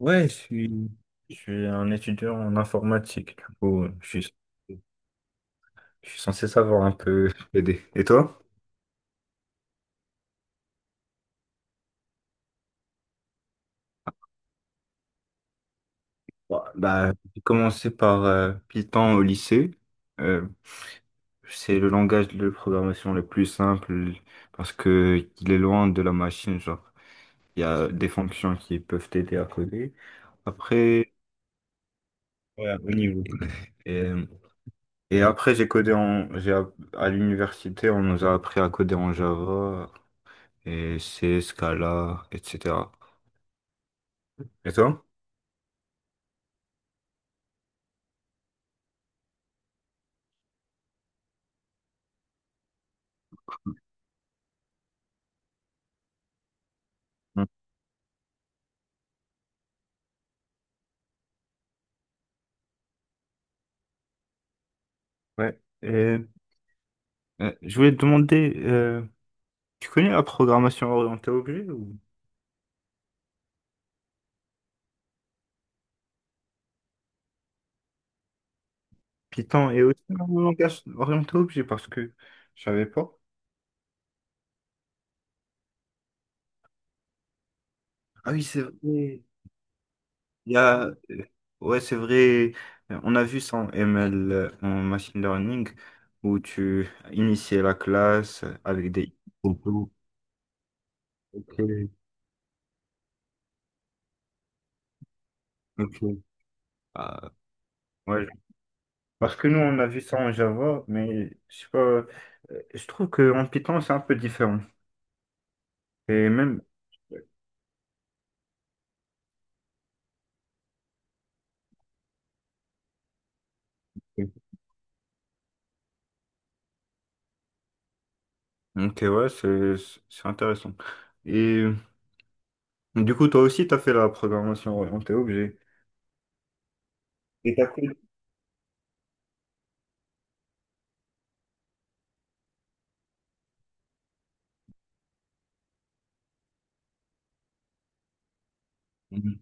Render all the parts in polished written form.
Ouais, je suis un étudiant en informatique, du coup, je suis censé savoir un peu aider. Et toi? Bah, j'ai commencé par Python au lycée. Euh, c'est le langage de programmation le plus simple parce que il est loin de la machine, genre. Il y a des fonctions qui peuvent t'aider à coder. Après, ouais, au niveau. Et, et après, j'ai codé en, j'ai, app- à l'université, on nous a appris à coder en Java, et c'est Scala, etc. Et toi? Mm. Ouais. Et, je voulais te demander, tu connais la programmation orientée objet ou Python est aussi un langage orienté objet parce que je savais pas. Ah oui, c'est vrai. Il y a, ouais, c'est vrai. On a vu ça en ML, en machine learning, où tu initiais la classe avec des. Ok, ok. Ah, ouais, Parce que nous, on a vu ça en Java, mais je sais pas, je trouve qu'en Python, c'est un peu différent. Et même, euh, ok, ouais, c'est intéressant. Et du coup, toi aussi, tu as fait la programmation orientée objet. Et t'as fait... Mhm.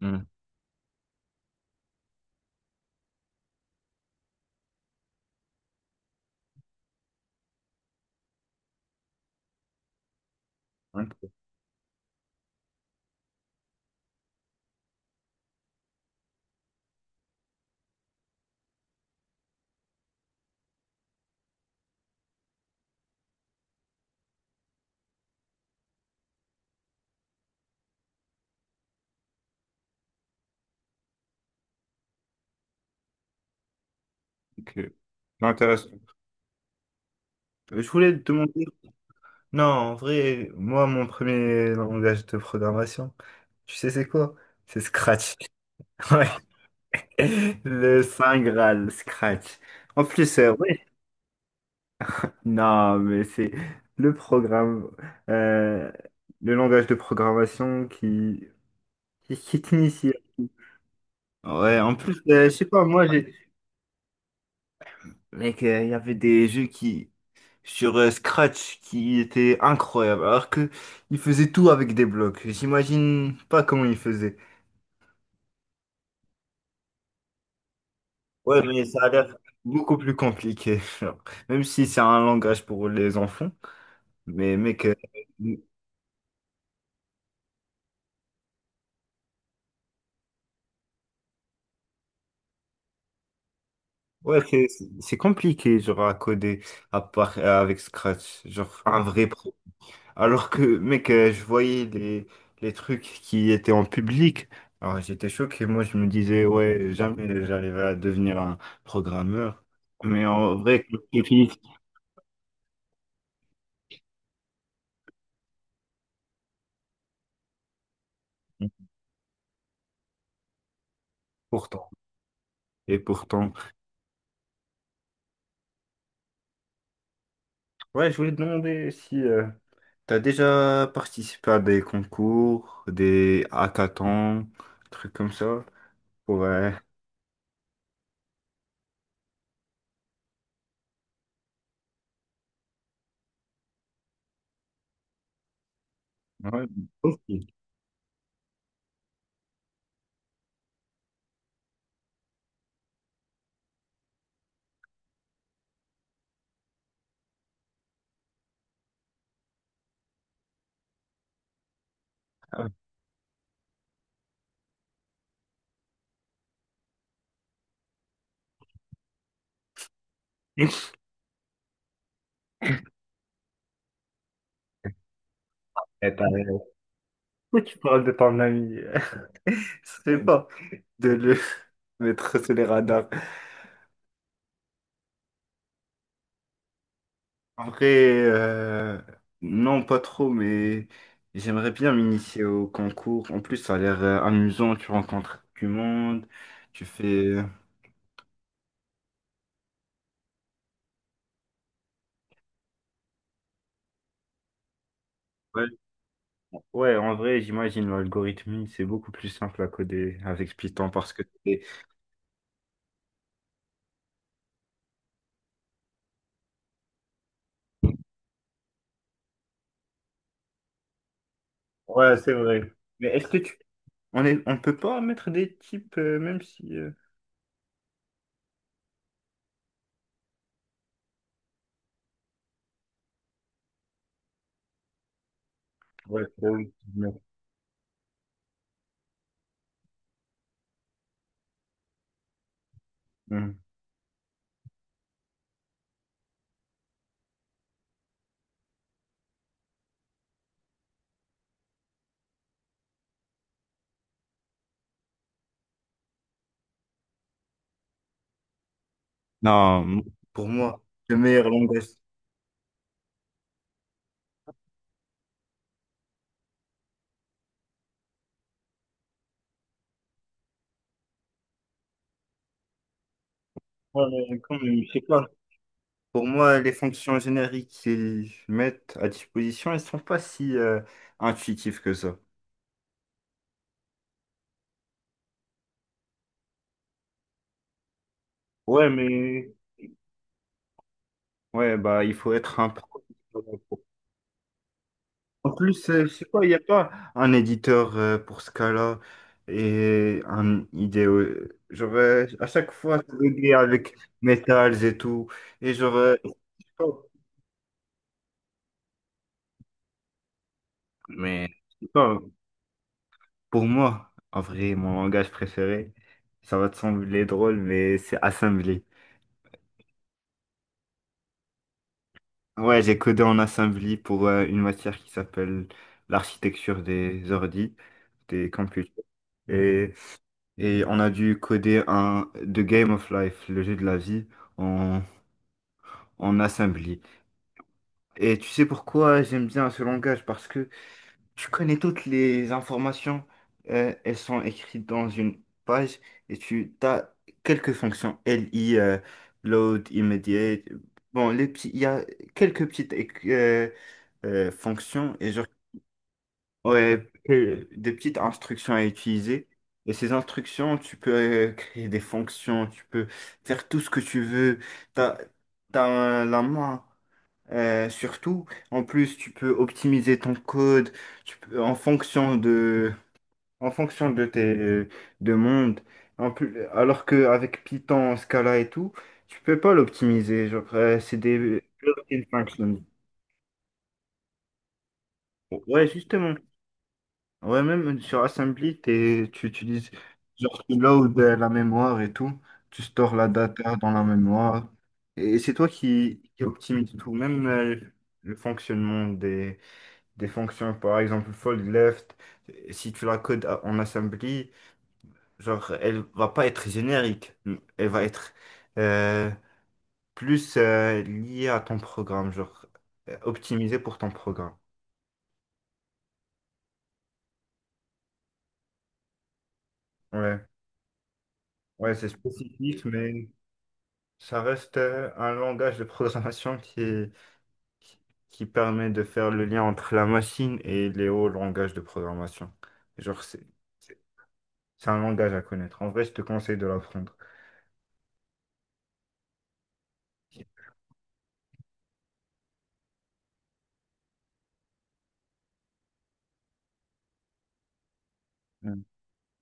Mhm. Ok, ok. C'est intéressant. Je voulais te demander... Non, en vrai, moi, mon premier langage de programmation, tu sais c'est quoi? C'est Scratch. Ouais. Le Saint Graal, Scratch. En plus, ouais, Non, mais c'est le programme, euh, le langage de programmation qui t'initie. Ouais, en plus, je sais pas, moi, j'ai... Mec, il y avait des jeux qui, sur Scratch qui étaient incroyables, alors que ils faisaient tout avec des blocs. J'imagine pas comment ils faisaient. Ouais, mais ça a l'air beaucoup plus compliqué, genre. Même si c'est un langage pour les enfants, mais mec, euh, Ouais, c'est compliqué, genre, à coder à part, avec Scratch, genre, un vrai pro. Alors que, mec, je voyais les trucs qui étaient en public, alors j'étais choqué, moi, je me disais, ouais, jamais j'arriverai à devenir un programmeur. Mais en vrai, c'est fini. Pourtant, et pourtant. Ouais, je voulais te demander si tu as déjà participé à des concours, des hackathons, trucs comme ça, pour... ouais, aussi. Eh, t'as raison. Pourquoi tu parles de ton ami? Ce serait pas de le mettre sur les radars. En vrai, non, pas trop, mais j'aimerais bien m'initier au concours. En plus, ça a l'air amusant. Tu rencontres du monde, tu fais. euh, Ouais, ouais, en vrai, j'imagine l'algorithme, c'est beaucoup plus simple à coder avec Python parce que c'est- Ouais, c'est vrai. Mais est-ce que tu. On est... on peut pas mettre des types, même si. Ouais, c'est vrai. Non, Pour moi, le meilleur langage. Ouais, mais quand même, je sais pas. Pour moi, les fonctions génériques qu'ils mettent à disposition, elles sont pas si intuitives que ça. Ouais, mais ouais, bah il faut être un pro. En plus, je sais pas, il n'y a pas un éditeur pour ce cas-là et un idéo. Genre, à chaque fois, c'est bugué avec Metals et tout. Et genre, je sais pas. Mais je sais pas. Pour moi, en vrai, mon langage préféré, ça va te sembler drôle, mais c'est assembly. Ouais, j'ai codé en assembly pour une matière qui s'appelle l'architecture des ordi, des computers. Et, et on a dû coder un The Game of Life, le jeu de la vie, en, en assembly. Et tu sais pourquoi j'aime bien ce langage? Parce que tu connais toutes les informations, elles sont écrites dans une page et tu as quelques fonctions, LI, load, immediate. Bon, les petits, il y a quelques petites euh, fonctions et genre, ouais, des petites instructions à utiliser. Et ces instructions, tu peux créer des fonctions, tu peux faire tout ce que tu veux. T'as, t'as la main. Surtout, en plus, tu peux optimiser ton code tu peux, en fonction de tes de En plus, alors qu'avec Python, Scala et tout, tu peux pas l'optimiser. Genre, c'est des built-in functions. Ouais, justement. Ouais, même sur Assembly, tu utilises, genre, tu load la mémoire et tout. Tu stores la data dans la mémoire. Et c'est toi qui optimise tout, même le fonctionnement des fonctions, par exemple fold left, si tu la codes à- en assembly, genre elle va pas être générique, elle va être euh, plus liée à ton programme, genre optimisée pour ton programme. Ouais, ouais, c'est spécifique, mais ça reste un langage de programmation qui est- qui qui permet de faire le lien entre la machine et les hauts langages de programmation. Genre c'est c'est- c'est un langage à connaître. En vrai, je te conseille de l'apprendre.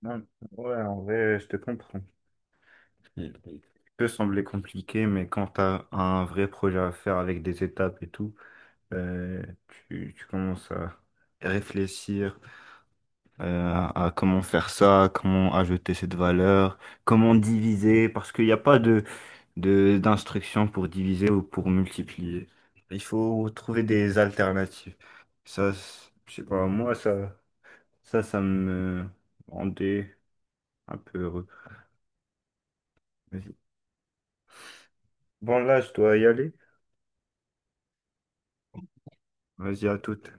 Non, ouais, en vrai, je te comprends. Il peut sembler compliqué, mais quand tu as un vrai projet à faire avec des étapes et tout, euh, tu commences à réfléchir à comment faire ça, comment ajouter cette valeur, comment diviser, parce qu'il n'y a pas d'instruction pour diviser ou pour multiplier. Il faut trouver des alternatives. Ça, je sais pas, moi, ça me rendait un peu heureux. Bon, là, je dois y aller. Vas-y, à toute.